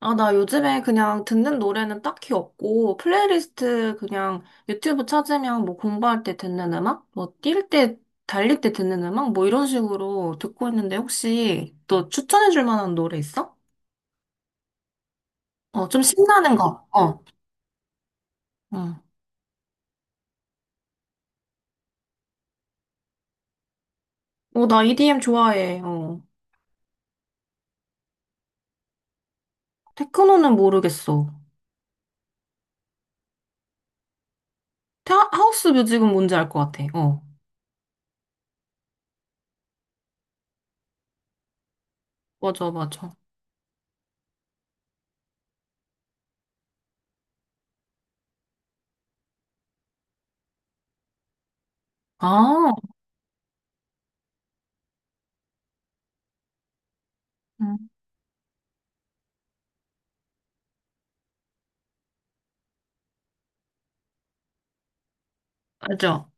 아, 나 요즘에 그냥 듣는 노래는 딱히 없고, 플레이리스트 그냥 유튜브 찾으면 뭐 공부할 때 듣는 음악? 뭐 뛸 때, 달릴 때 듣는 음악? 뭐 이런 식으로 듣고 있는데 혹시 너 추천해 줄 만한 노래 있어? 어, 좀 신나는 거. 어. 응. 어, 나 EDM 좋아해. 어. 테크노는 모르겠어. 타, 하우스 뮤직은 뭔지 알 것 같아. 어. 맞아, 맞아. 아, 응. 알죠?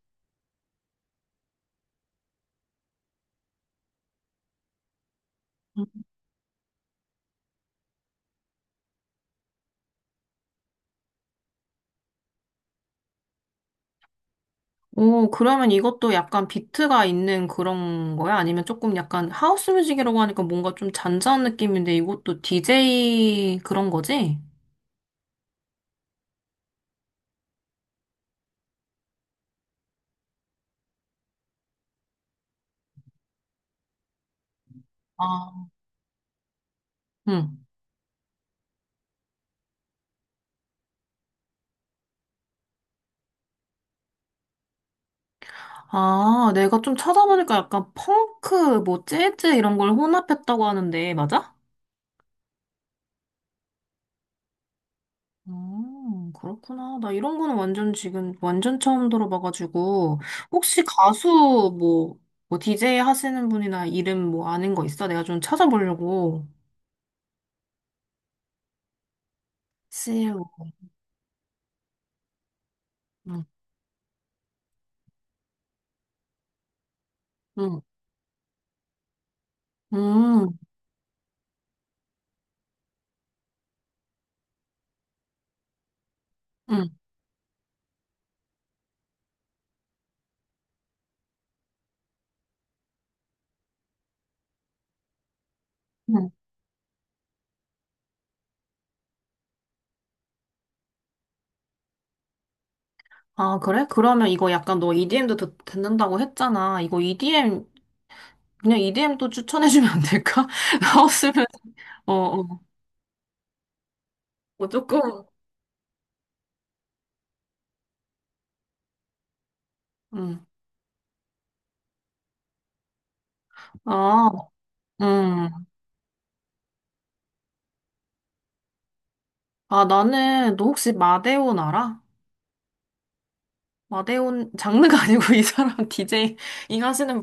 오, 그러면 이것도 약간 비트가 있는 그런 거야? 아니면 조금 약간 하우스 뮤직이라고 하니까 뭔가 좀 잔잔한 느낌인데 이것도 DJ 그런 거지? 아, 응. 아, 내가 좀 찾아보니까 약간 펑크, 뭐 재즈 이런 걸 혼합했다고 하는데, 맞아? 그렇구나. 나 이런 거는 완전 지금 완전 처음 들어봐가지고, 혹시 가수 뭐, 뭐 DJ 하시는 분이나 이름 뭐 아는 거 있어? 내가 좀 찾아보려고. 글쎄. 응, 음, 음, 음. 아, 그래? 그러면 이거 약간 너 EDM도 듣는다고 했잖아. 이거 EDM, 그냥 EDM도 추천해주면 안 될까? 나왔으면, 어, 어, 어, 조금, 음. 아, 음. 아, 나는, 너 혹시 마데온 알아? 마데온, 장르가 아니고 이 사람 DJ, 이 하시는.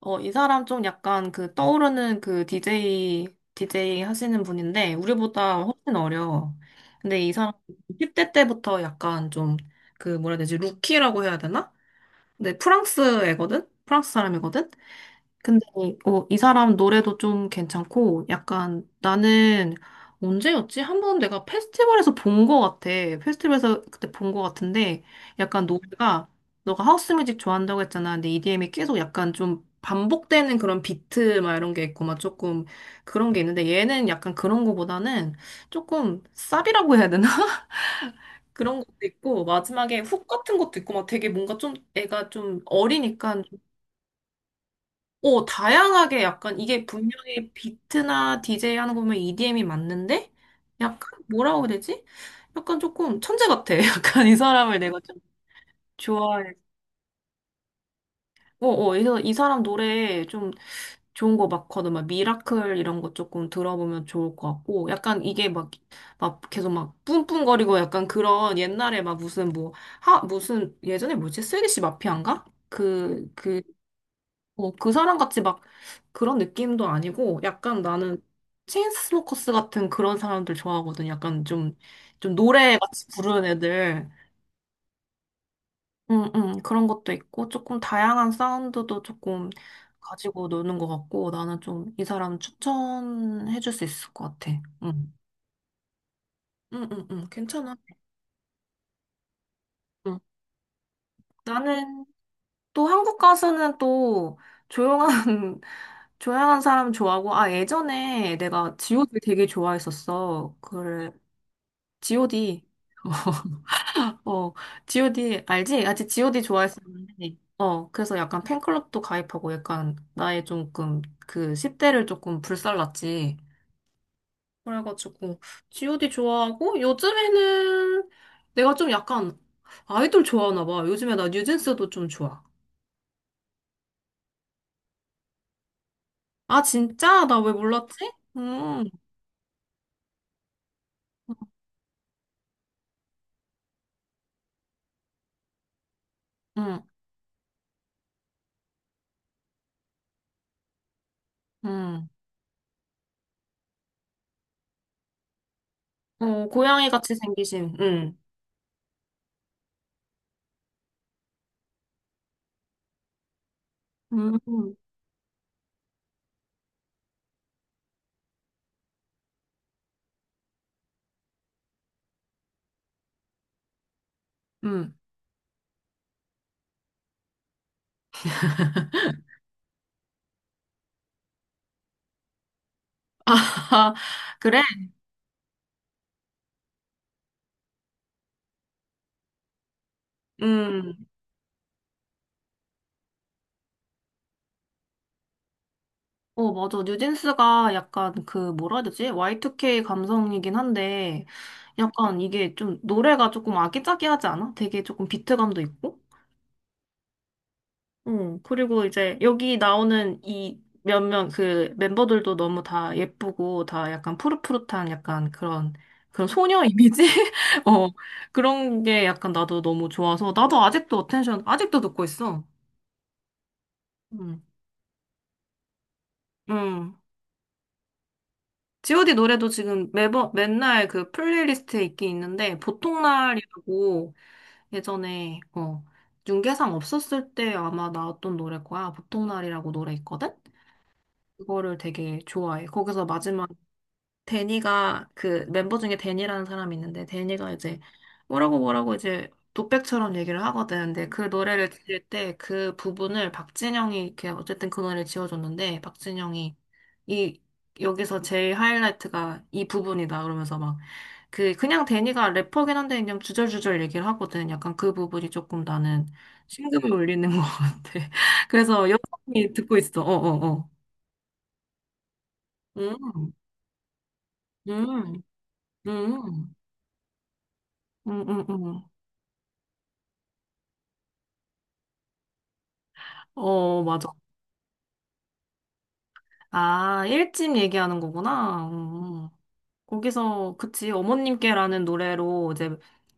어, 이 사람 좀 약간 그 떠오르는 그 DJ 하시는 분인데, 우리보다 훨씬 어려워. 근데 이 사람 10대 때부터 약간 좀 그 뭐라 해야 되지, 루키라고 해야 되나? 근데 프랑스 애거든? 프랑스 사람이거든? 근데 어, 이 사람 노래도 좀 괜찮고 약간 나는 언제였지? 한 번 내가 페스티벌에서 본 거 같아. 페스티벌에서 그때 본 거 같은데 약간 노래가, 너가 하우스 뮤직 좋아한다고 했잖아. 근데 EDM이 계속 약간 좀 반복되는 그런 비트 막 이런 게 있고 막 조금 그런 게 있는데 얘는 약간 그런 거보다는 조금 쌉이라고 해야 되나? 그런 것도 있고 마지막에 훅 같은 것도 있고 막 되게 뭔가 좀 애가 좀 어리니까 어, 다양하게 약간 이게 분명히 비트나 디제이 하는 거 보면 EDM이 맞는데 약간 뭐라고 해야 되지? 약간 조금 천재 같아. 약간 이 사람을 내가 좀 좋아해. 어, 어, 그래서 이 사람 노래 좀 좋은 거 많거든. 막 미라클 이런 거 조금 들어보면 좋을 것 같고 약간 이게 막, 막 계속 막 뿜뿜거리고 약간 그런 옛날에 막 무슨 뭐 하, 무슨 예전에 뭐지? 슬기씨 마피아인가? 그 어, 그 사람 같이 막 그런 느낌도 아니고 약간 나는 체인스모커스 같은 그런 사람들 좋아하거든. 약간 좀, 좀 노래 같이 부르는 애들. 응, 응, 그런 것도 있고 조금 다양한 사운드도 조금 가지고 노는 것 같고 나는 좀 이 사람 추천해 줄 수 있을 것 같아. 응, 응, 응, 응, 괜찮아. 응. 나는 또 한국 가수는 또 조용한, 조용한 사람 좋아하고, 아, 예전에 내가 G.O.D 되게 좋아했었어. 그래, G.O.D. 어, G.O.D 알지? 아직 G.O.D 좋아했었는데, 어, 그래서 약간 팬클럽도 가입하고 약간 나의 조금 그 10대를 조금 불살랐지. 그래가지고 G.O.D 좋아하고 요즘에는 내가 좀 약간 아이돌 좋아하나 봐. 요즘에 나 뉴진스도 좀 좋아. 아, 진짜? 나 왜 몰랐지? 응, 응, 응, 어, 고양이 같이 생기신, 응, 음, 음. 아, 그래? 음. 어, 맞아. 뉴진스가 약간 그, 뭐라 해야 되지, Y2K 감성이긴 한데, 약간 이게 좀, 노래가 조금 아기자기하지 않아? 되게 조금 비트감도 있고? 응, 그리고 이제 여기 나오는 이 몇몇 그 멤버들도 너무 다 예쁘고 다 약간 푸릇푸릇한 약간 그런 그런 소녀 이미지? 어, 그런 게 약간 나도 너무 좋아서 나도 아직도 어텐션 아직도 듣고 있어. 응, 응. G.O.D 노래도 지금 매번 맨날 그 플레이리스트에 있긴 있는데 보통 날이라고, 예전에 어 윤계상 없었을 때 아마 나왔던 노래 거야. 보통 날이라고 노래 있거든? 그거를 되게 좋아해. 거기서 마지막 데니가, 그 멤버 중에 데니라는 사람이 있는데 데니가 이제 뭐라고 뭐라고 이제 독백처럼 얘기를 하거든. 근데 그 노래를 들을 때 그 부분을 박진영이 이렇게 어쨌든 그 노래를 지어줬는데 박진영이 이 여기서 제일 하이라이트가 이 부분이다 그러면서 막 그 그냥 데니가 래퍼긴 한데 그냥 주절주절 얘기를 하거든. 약간 그 부분이 조금 나는 심금을 울리는 것 같아. 그래서 여성이 듣고 있어. 어어어. 음, 음, 음. 음, 음, 음, 음. 어, 맞아. 아, 일집 얘기하는 거구나. 음. 거기서, 그치, 어머님께라는 노래로 이제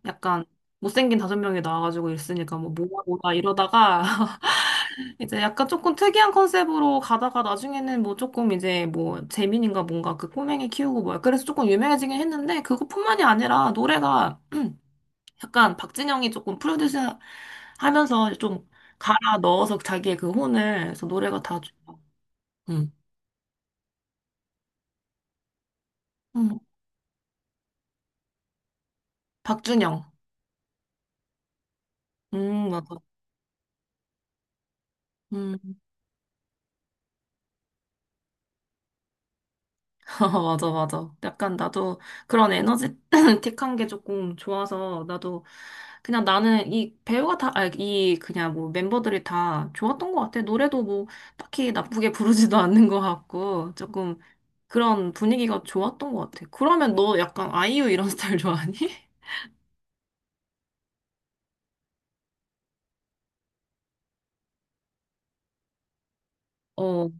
약간 못생긴 다섯 명이 나와가지고 있으니까 뭐 뭐야 뭐야 이러다가 이제 약간 조금 특이한 컨셉으로 가다가 나중에는 뭐 조금 이제 뭐 재민인가 뭔가 그 꼬맹이 키우고 뭐야. 그래서 조금 유명해지긴 했는데 그것뿐만이 아니라 노래가 약간 박진영이 조금 프로듀스 하면서 좀 갈아 넣어서 자기의 그 혼을, 그래서 노래가 다 좋아. 음. 박준영. 맞아. 음. 아, 맞아, 맞아. 약간 나도 그런 에너지틱한 게 조금 좋아서 나도 그냥 나는, 이 배우가 다, 아, 이 그냥 뭐 멤버들이 다 좋았던 것 같아. 노래도 뭐 딱히 나쁘게 부르지도 않는 것 같고 조금 그런 분위기가 좋았던 것 같아. 그러면 너 약간 아이유 이런 스타일 좋아하니? 어.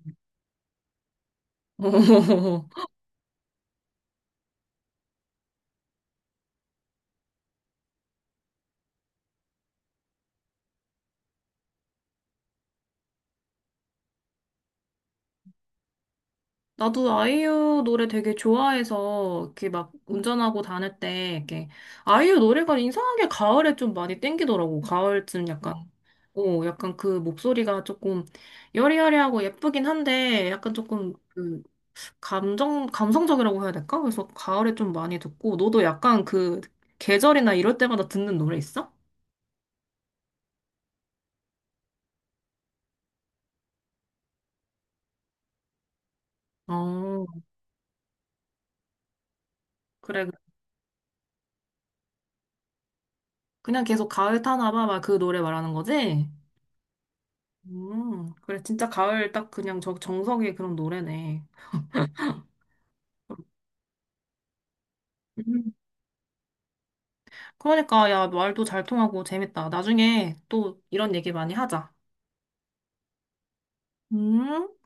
나도 아이유 노래 되게 좋아해서 이렇게 막 운전하고 다닐 때 이렇게 아이유 노래가 이상하게 가을에 좀 많이 땡기더라고. 가을쯤 약간. 어. 오 약간 그 목소리가 조금 여리여리하고 예쁘긴 한데 약간 조금 그 감정 감성적이라고 해야 될까? 그래서 가을에 좀 많이 듣고 너도 약간 그 계절이나 이럴 때마다 듣는 노래 있어? 어 그래. 그냥 계속 가을 타나 봐 막 그 노래 말하는 거지? 그래, 진짜 가을 딱 그냥 저 정석의 그런 노래네. 음. 그러니까, 야, 말도 잘 통하고 재밌다. 나중에 또 이런 얘기 많이 하자. 음?